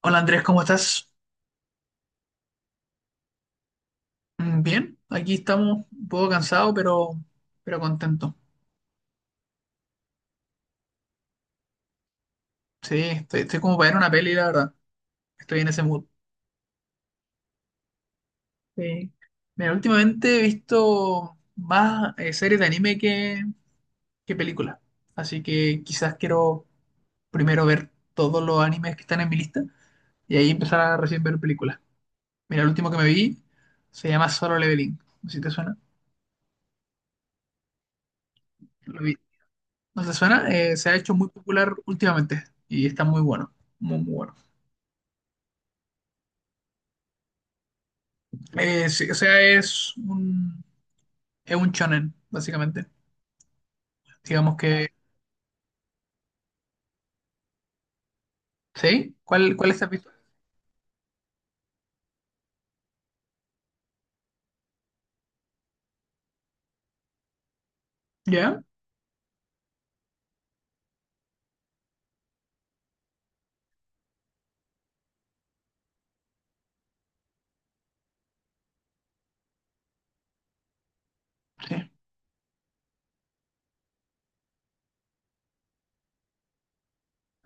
Hola Andrés, ¿cómo estás? Mm, bien, aquí estamos un poco cansado, pero contento. Sí, estoy como para ver una peli, la verdad. Estoy en ese mood. Sí. Mira, últimamente he visto más series de anime que películas. Así que quizás quiero primero ver todos los animes que están en mi lista y ahí empezar a recién ver películas. Mira, el último que me vi se llama Solo Leveling. No sé si te suena. Lo vi. ¿No te suena? Se ha hecho muy popular últimamente y está muy bueno. Muy, muy bueno. Sí, o sea, es un shonen, básicamente. Digamos que... ¿Sí? ¿Cuál estás visto? ¿Ya? Sí.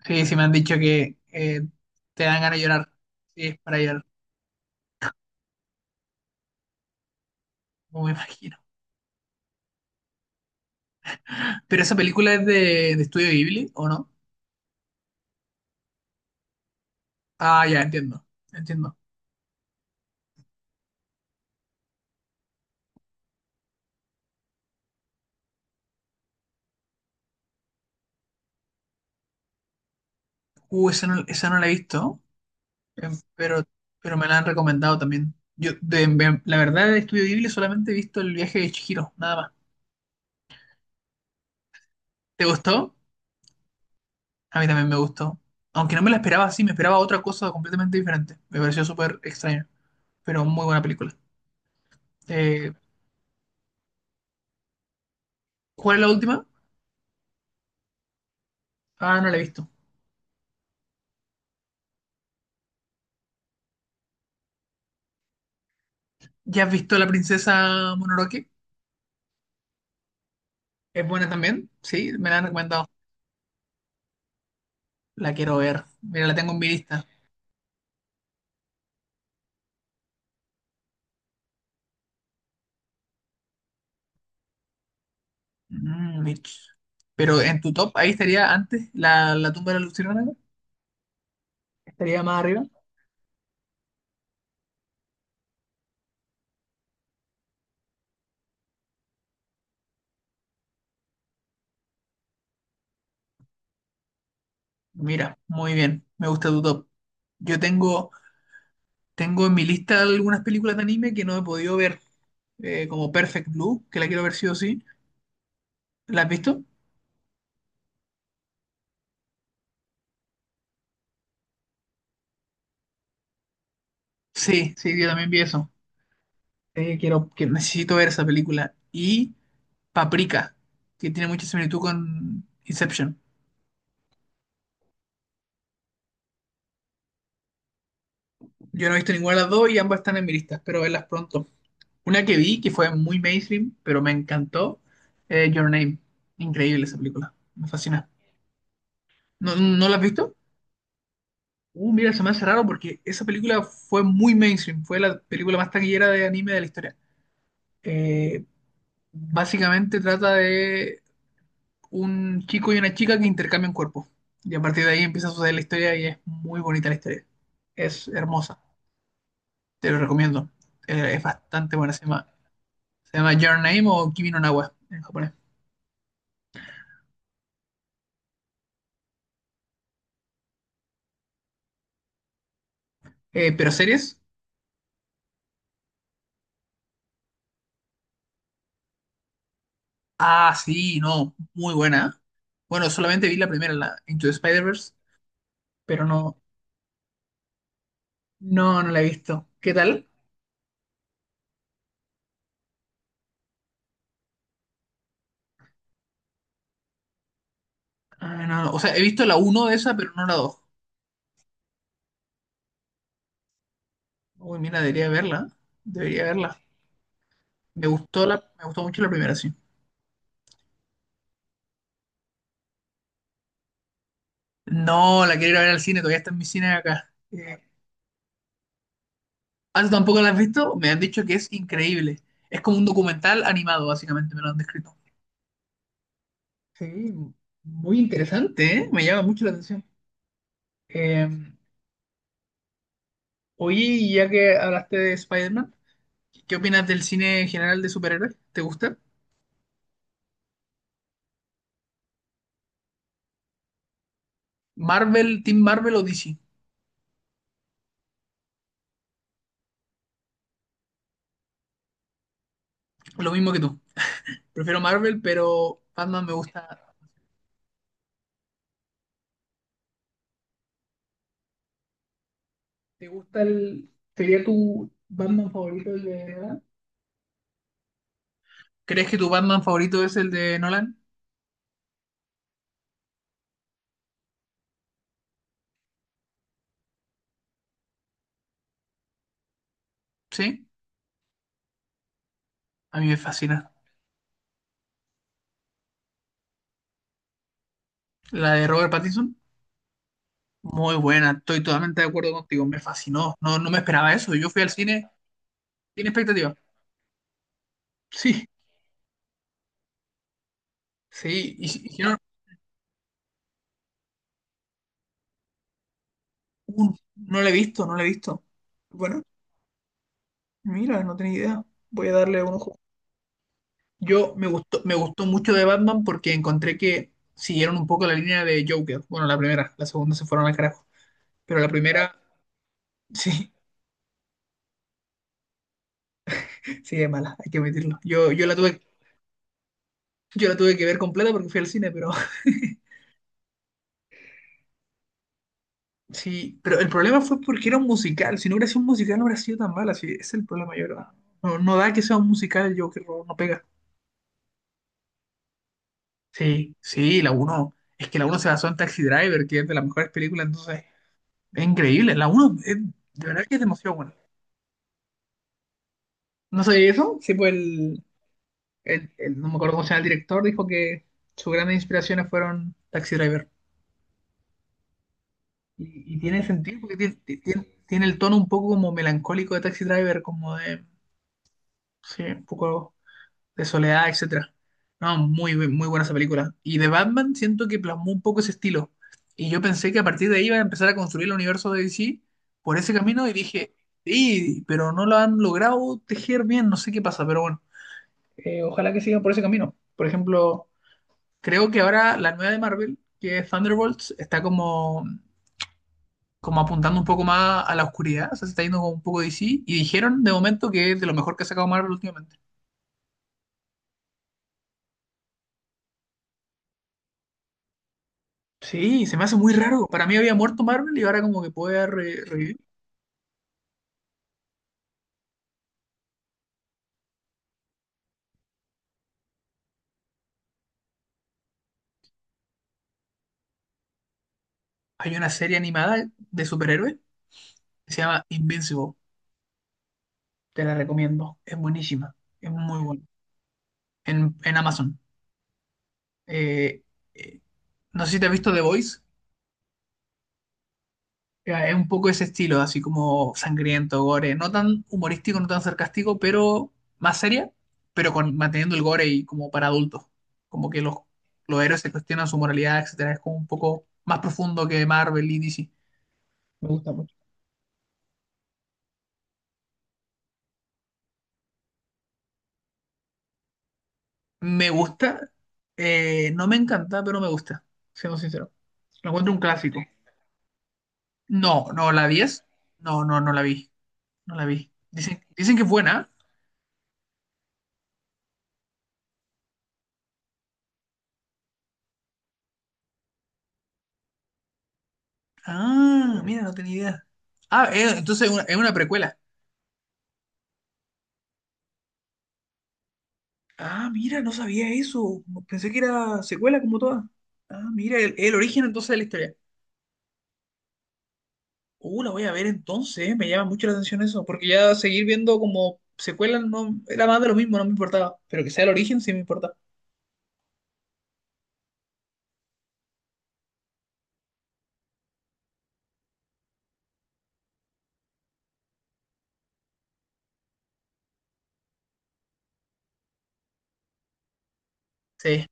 Sí, sí me han dicho que te dan ganas de llorar. Sí, es para llorar, no me imagino. ¿Pero esa película es de Estudio Ghibli o no? Ah, ya, entiendo. Entiendo. Esa no la he visto, eh, pero, pero me la han recomendado también. La verdad, de Estudio Ghibli solamente he visto El viaje de Chihiro, nada más. ¿Te gustó? A mí también me gustó. Aunque no me la esperaba así, me esperaba otra cosa completamente diferente. Me pareció súper extraño, pero muy buena película. Eh, ¿Cuál es la última? Ah, no la he visto. ¿Ya has visto La Princesa Mononoke? ¿Es buena también? Sí, me la han recomendado. La quiero ver. Mira, la tengo en mi lista. Mm, bitch. Pero en tu top, ahí estaría antes la tumba de la luciérnaga. Estaría más arriba. Mira, muy bien. Me gusta tu top. Yo tengo, Tengo en mi lista algunas películas de anime que no he podido ver. Eh, como Perfect Blue, que la quiero ver sí o sí. ¿La has visto? Sí, sí, yo también vi eso. Que necesito ver esa película. Y Paprika, que tiene mucha similitud con Inception. Yo no he visto ninguna de las dos y ambas están en mi lista. Espero verlas pronto. Una que vi, que fue muy mainstream, pero me encantó, Your Name. Increíble esa película. Me fascina. ¿No, no la has visto? Mira, se me hace raro porque esa película fue muy mainstream. Fue la película más taquillera de anime de la historia. Eh, Básicamente trata de un chico y una chica que intercambian cuerpos. Y a partir de ahí empieza a suceder la historia y es muy bonita la historia. Es hermosa. Te lo recomiendo. Es bastante buena. Se llama Your Name o Kimi no Na wa en japonés. ¿Pero series? Ah, sí, no. Muy buena. Bueno, solamente vi la primera, la Into the Spider-Verse, pero no, no, no la he visto. ¿Qué tal? Ah, no, no. O sea, he visto la uno de esa, pero no la dos. Uy, mira, debería verla. Debería verla. Me gustó mucho la primera, sí. No, la quiero ir a ver al cine, todavía está en mi cine acá. ¿Ah, tú tampoco la has visto? Me han dicho que es increíble. Es como un documental animado, básicamente, me lo han descrito. Sí, muy interesante, ¿eh? Me llama mucho la atención. Eh, Oye, y ya que hablaste de Spider-Man, ¿qué opinas del cine general de superhéroes? ¿Te gusta? ¿Marvel, Team Marvel o DC? Lo mismo que tú. Prefiero Marvel, pero Batman me gusta. ¿Te gusta el... ¿Sería tu Batman favorito el de verdad? ¿Crees que tu Batman favorito es el de Nolan? Sí, a mí me fascina. La de Robert Pattinson, muy buena, estoy totalmente de acuerdo contigo, me fascinó. No, no me esperaba eso, yo fui al cine sin expectativa. Sí, sí, y, y si no, no la he visto, no la he visto. Bueno, mira, no tenía idea, voy a darle un ojo. Me gustó mucho de Batman porque encontré que siguieron un poco la línea de Joker. Bueno, la primera, la segunda se fueron al carajo, pero la primera, sí. Sí, es mala, hay que admitirlo. Yo la tuve que ver completa porque fui al cine, pero sí, pero el problema fue porque era un musical. Si no hubiera sido un musical, no hubiera sido tan mala. Sí, ese es el problema, yo creo. No, no da que sea un musical el Joker, no, no pega. Sí, sí, la uno es que la uno se basó en Taxi Driver, que es de las mejores películas, entonces es increíble. De verdad que es demasiado buena. No sé eso, sí, pues no me acuerdo cómo se llama el director, dijo que sus grandes inspiraciones fueron Taxi Driver. Y tiene sentido porque tiene el tono un poco como melancólico de Taxi Driver, como de, sí, un poco de soledad, etcétera. No, muy buena esa película. Y de Batman siento que plasmó un poco ese estilo. Y yo pensé que a partir de ahí iba a empezar a construir el universo de DC por ese camino y dije, sí, pero no lo han logrado tejer bien, no sé qué pasa, pero bueno, ojalá que sigan por ese camino. Por ejemplo, creo que ahora la nueva de Marvel, que es Thunderbolts, está como como apuntando un poco más a la oscuridad, o sea, se está yendo como un poco de sí, y dijeron de momento que es de lo mejor que ha sacado Marvel últimamente. Sí, se me hace muy raro. Para mí había muerto Marvel y ahora como que puede revivir. Hay una serie animada de superhéroes que se llama Invincible. Te la recomiendo. Es buenísima. Es muy buena. En Amazon. Eh, eh, no sé si te has visto The Voice. Ya, es un poco ese estilo, así como sangriento, gore, no tan humorístico, no tan sarcástico, pero más seria, pero manteniendo el gore y como para adultos. Como que los, los héroes se cuestionan su moralidad, etcétera. Es como un poco más profundo que Marvel y DC. Me gusta mucho. Me gusta, no me encanta, pero me gusta, siendo sincero. Lo encuentro un clásico. No, no, la 10, no, no, no la vi, no la vi. Dicen que es buena. Ah, mira, no tenía idea. Ah, entonces es una precuela. Ah, mira, no sabía eso. Pensé que era secuela como todas. Ah, mira, el origen entonces de la historia. La voy a ver entonces, ¿eh? Me llama mucho la atención eso, porque ya seguir viendo como secuela no era más de lo mismo, no me importaba, pero que sea el origen sí me importa. Sí,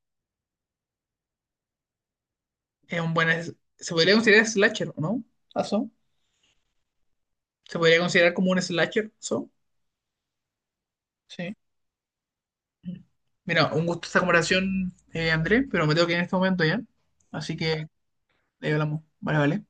es un buen... Se podría considerar slasher, ¿o ¿no? ¿Aso? ¿Se podría considerar como un slasher? ¿So? Sí. Mira, un gusto esta comparación, André, pero me tengo que ir en este momento ya. Así que ahí hablamos. Vale, vale.